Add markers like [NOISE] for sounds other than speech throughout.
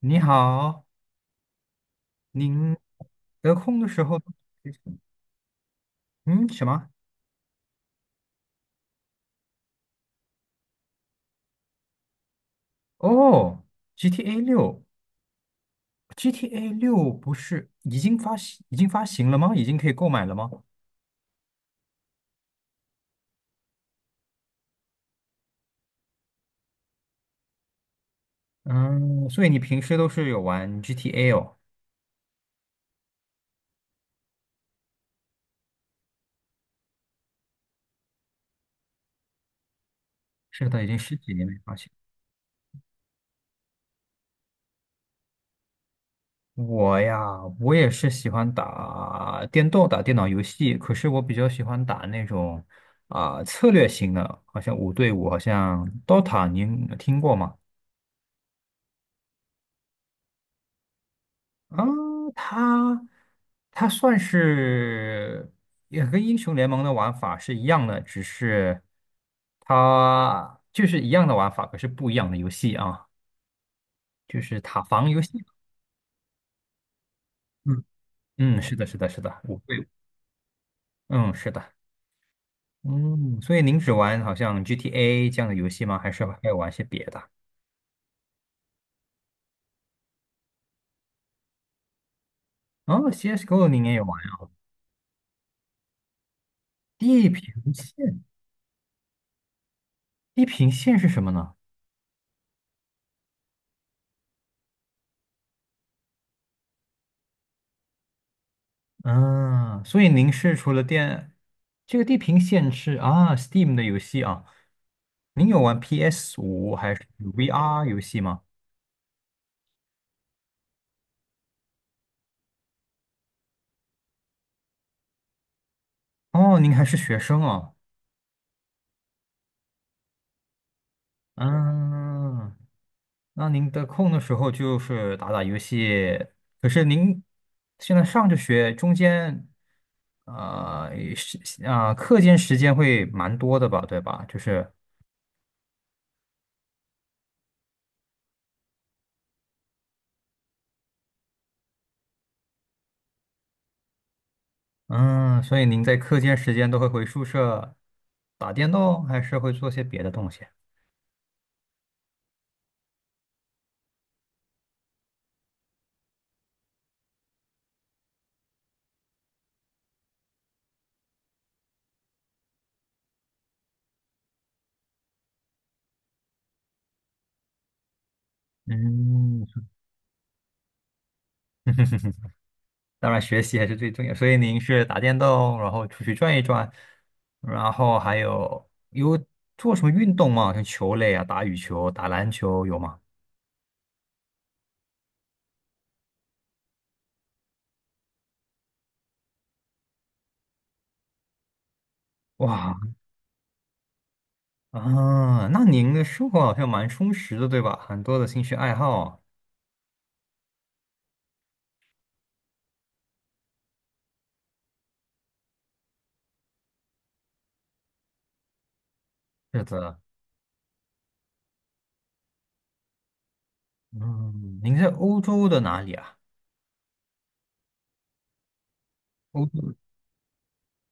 你好，您得空的时候嗯，什么？哦，GTA 六，GTA 六不是已经发行，已经发行了吗？已经可以购买了吗？嗯，所以你平时都是有玩 GTA 哦？是的，已经十几年没发行。我呀，我也是喜欢打电动、打电脑游戏，可是我比较喜欢打那种啊、策略型的，好像五对五，好像 Dota，您听过吗？啊，它它算是也跟英雄联盟的玩法是一样的，只是它就是一样的玩法，可是不一样的游戏啊，就是塔防游戏。嗯嗯，是的，是的，是的，我会，嗯，是的。嗯，所以您只玩好像 GTA 这样的游戏吗？还是还有玩些别的？哦，CSGO 您也有玩啊？地平线，地平线是什么呢？嗯，所以您是除了电这个《地平线》是啊，Steam 的游戏啊，您有玩 PS5还是 VR 游戏吗？哦，您还是学生哦。嗯，那您得空的时候就是打打游戏。可是您现在上着学，中间是啊、课间时间会蛮多的吧，对吧？就是嗯，所以您在课间时间都会回宿舍打电动，还是会做些别的东西？嗯，当然学习还是最重要。所以您是打电动，然后出去转一转，然后还有做什么运动吗？像球类啊，打羽球、打篮球有吗？哇啊，那您的生活好像蛮充实的，对吧？很多的兴趣爱好。是的。嗯，您在欧洲的哪里啊？欧洲，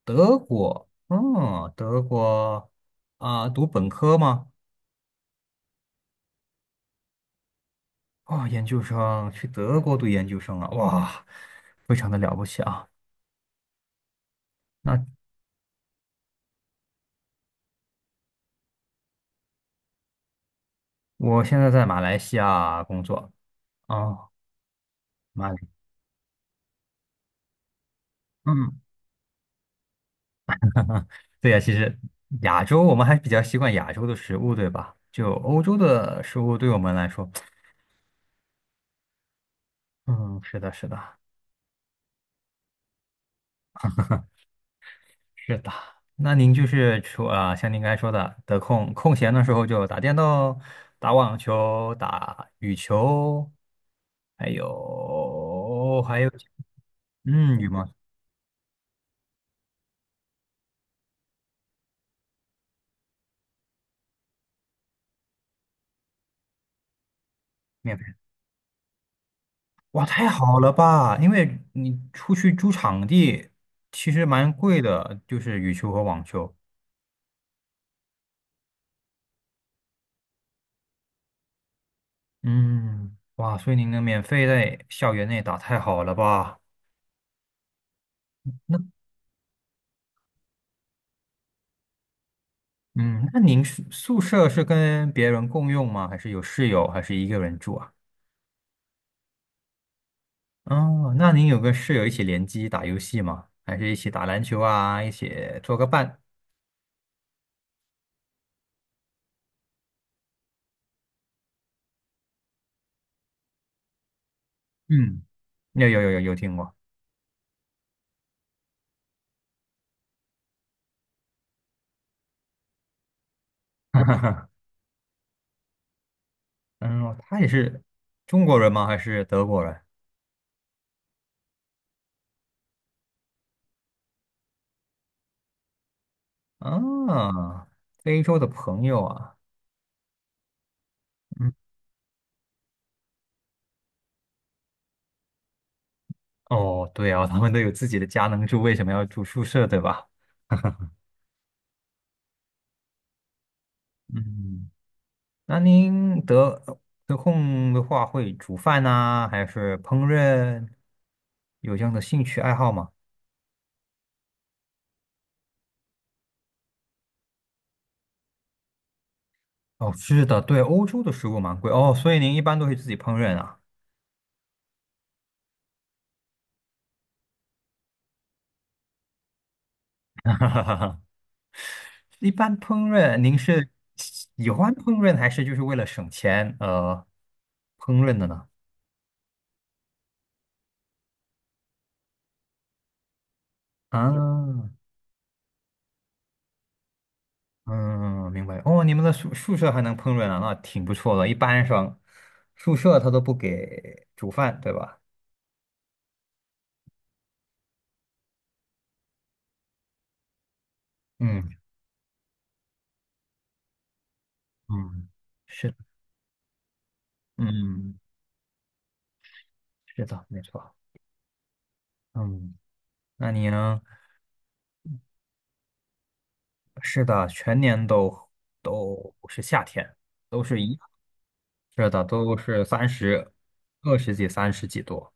德国。嗯，德国啊，读本科吗？哦，研究生，去德国读研究生啊，哇，非常的了不起啊。那我现在在马来西亚工作。哦，马来，嗯，对呀，其实亚洲我们还比较习惯亚洲的食物，对吧？就欧洲的食物对我们来说，嗯，是的，是的，是的。那您就是说啊，像您刚才说的，空闲的时候就打电动、打网球、打羽球，还有还有，嗯，羽毛。哇，太好了吧！因为你出去租场地其实蛮贵的，就是羽球和网球。嗯，哇，所以您能免费在校园内打，太好了吧？那嗯，那您宿舍是跟别人共用吗？还是有室友，还是一个人住啊？哦，那您有跟室友一起联机打游戏吗？还是一起打篮球啊？一起做个伴？嗯，有有有有有听过。嗯，他也是中国人吗？还是德国人？啊，非洲的朋友啊。嗯。哦，对啊，他们都有自己的家能住，为什么要住宿舍，对吧？嗯，那您得空的话会煮饭呐，还是烹饪？有这样的兴趣爱好吗？哦，是的，对，欧洲的食物蛮贵哦，所以您一般都会自己烹饪啊？[LAUGHS] 一般烹饪，您是喜欢烹饪还是就是为了省钱烹饪的呢？啊。嗯，明白。哦，你们的宿舍还能烹饪啊，那挺不错的。一般上宿舍他都不给煮饭，对吧？嗯嗯，是的，嗯，是的，没错。嗯，那你呢？是的，全年都是夏天，都是一样。是的，都是三十、二十几、三十几度。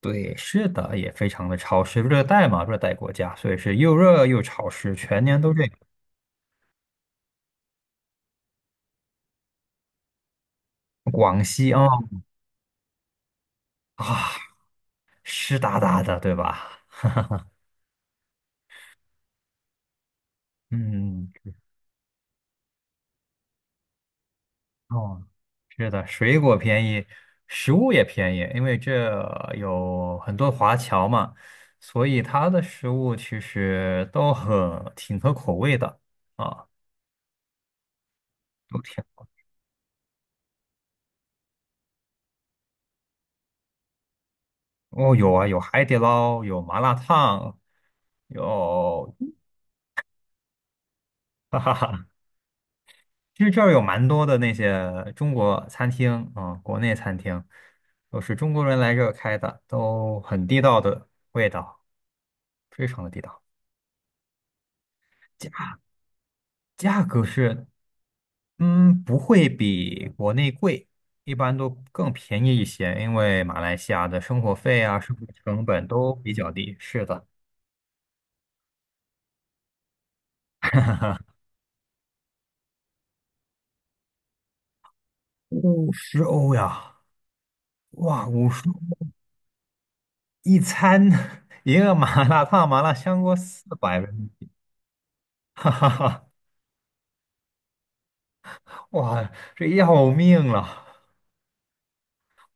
对，是的，也非常的潮湿，热带嘛，热带国家，所以是又热又潮湿，全年都这样。广西啊。啊，湿哒哒的，对吧？嗯。哦，是的，水果便宜，食物也便宜，因为这有很多华侨嘛，所以它的食物其实都很挺合口味的啊，都挺。哦，有啊，有海底捞，有麻辣烫，有其实这儿有蛮多的那些中国餐厅啊，国内餐厅都是中国人来这儿开的，都很地道的味道，非常的地道。价价格是不会比国内贵，一般都更便宜一些，因为马来西亚的生活费啊、生活成本都比较低。是的。五十欧呀，哇，五十欧一餐 [LAUGHS] 一个麻辣烫、麻辣香锅400，哈哈哈，哇，这要命了，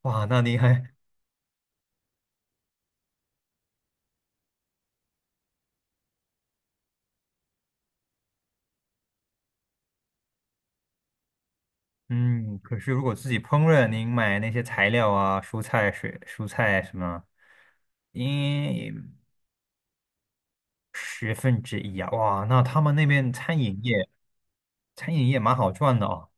哇，那您还。嗯，可是如果自己烹饪，您买那些材料啊、蔬菜、水、蔬菜什么，因。十分之一啊，哇，那他们那边餐饮业，餐饮业蛮好赚的哦。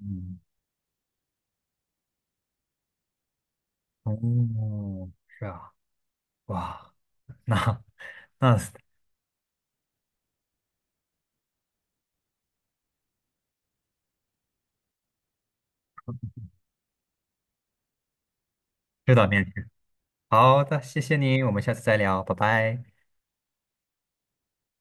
嗯。哦，是啊，哇，那那是有点面试。好的，谢谢你，我们下次再聊，拜拜。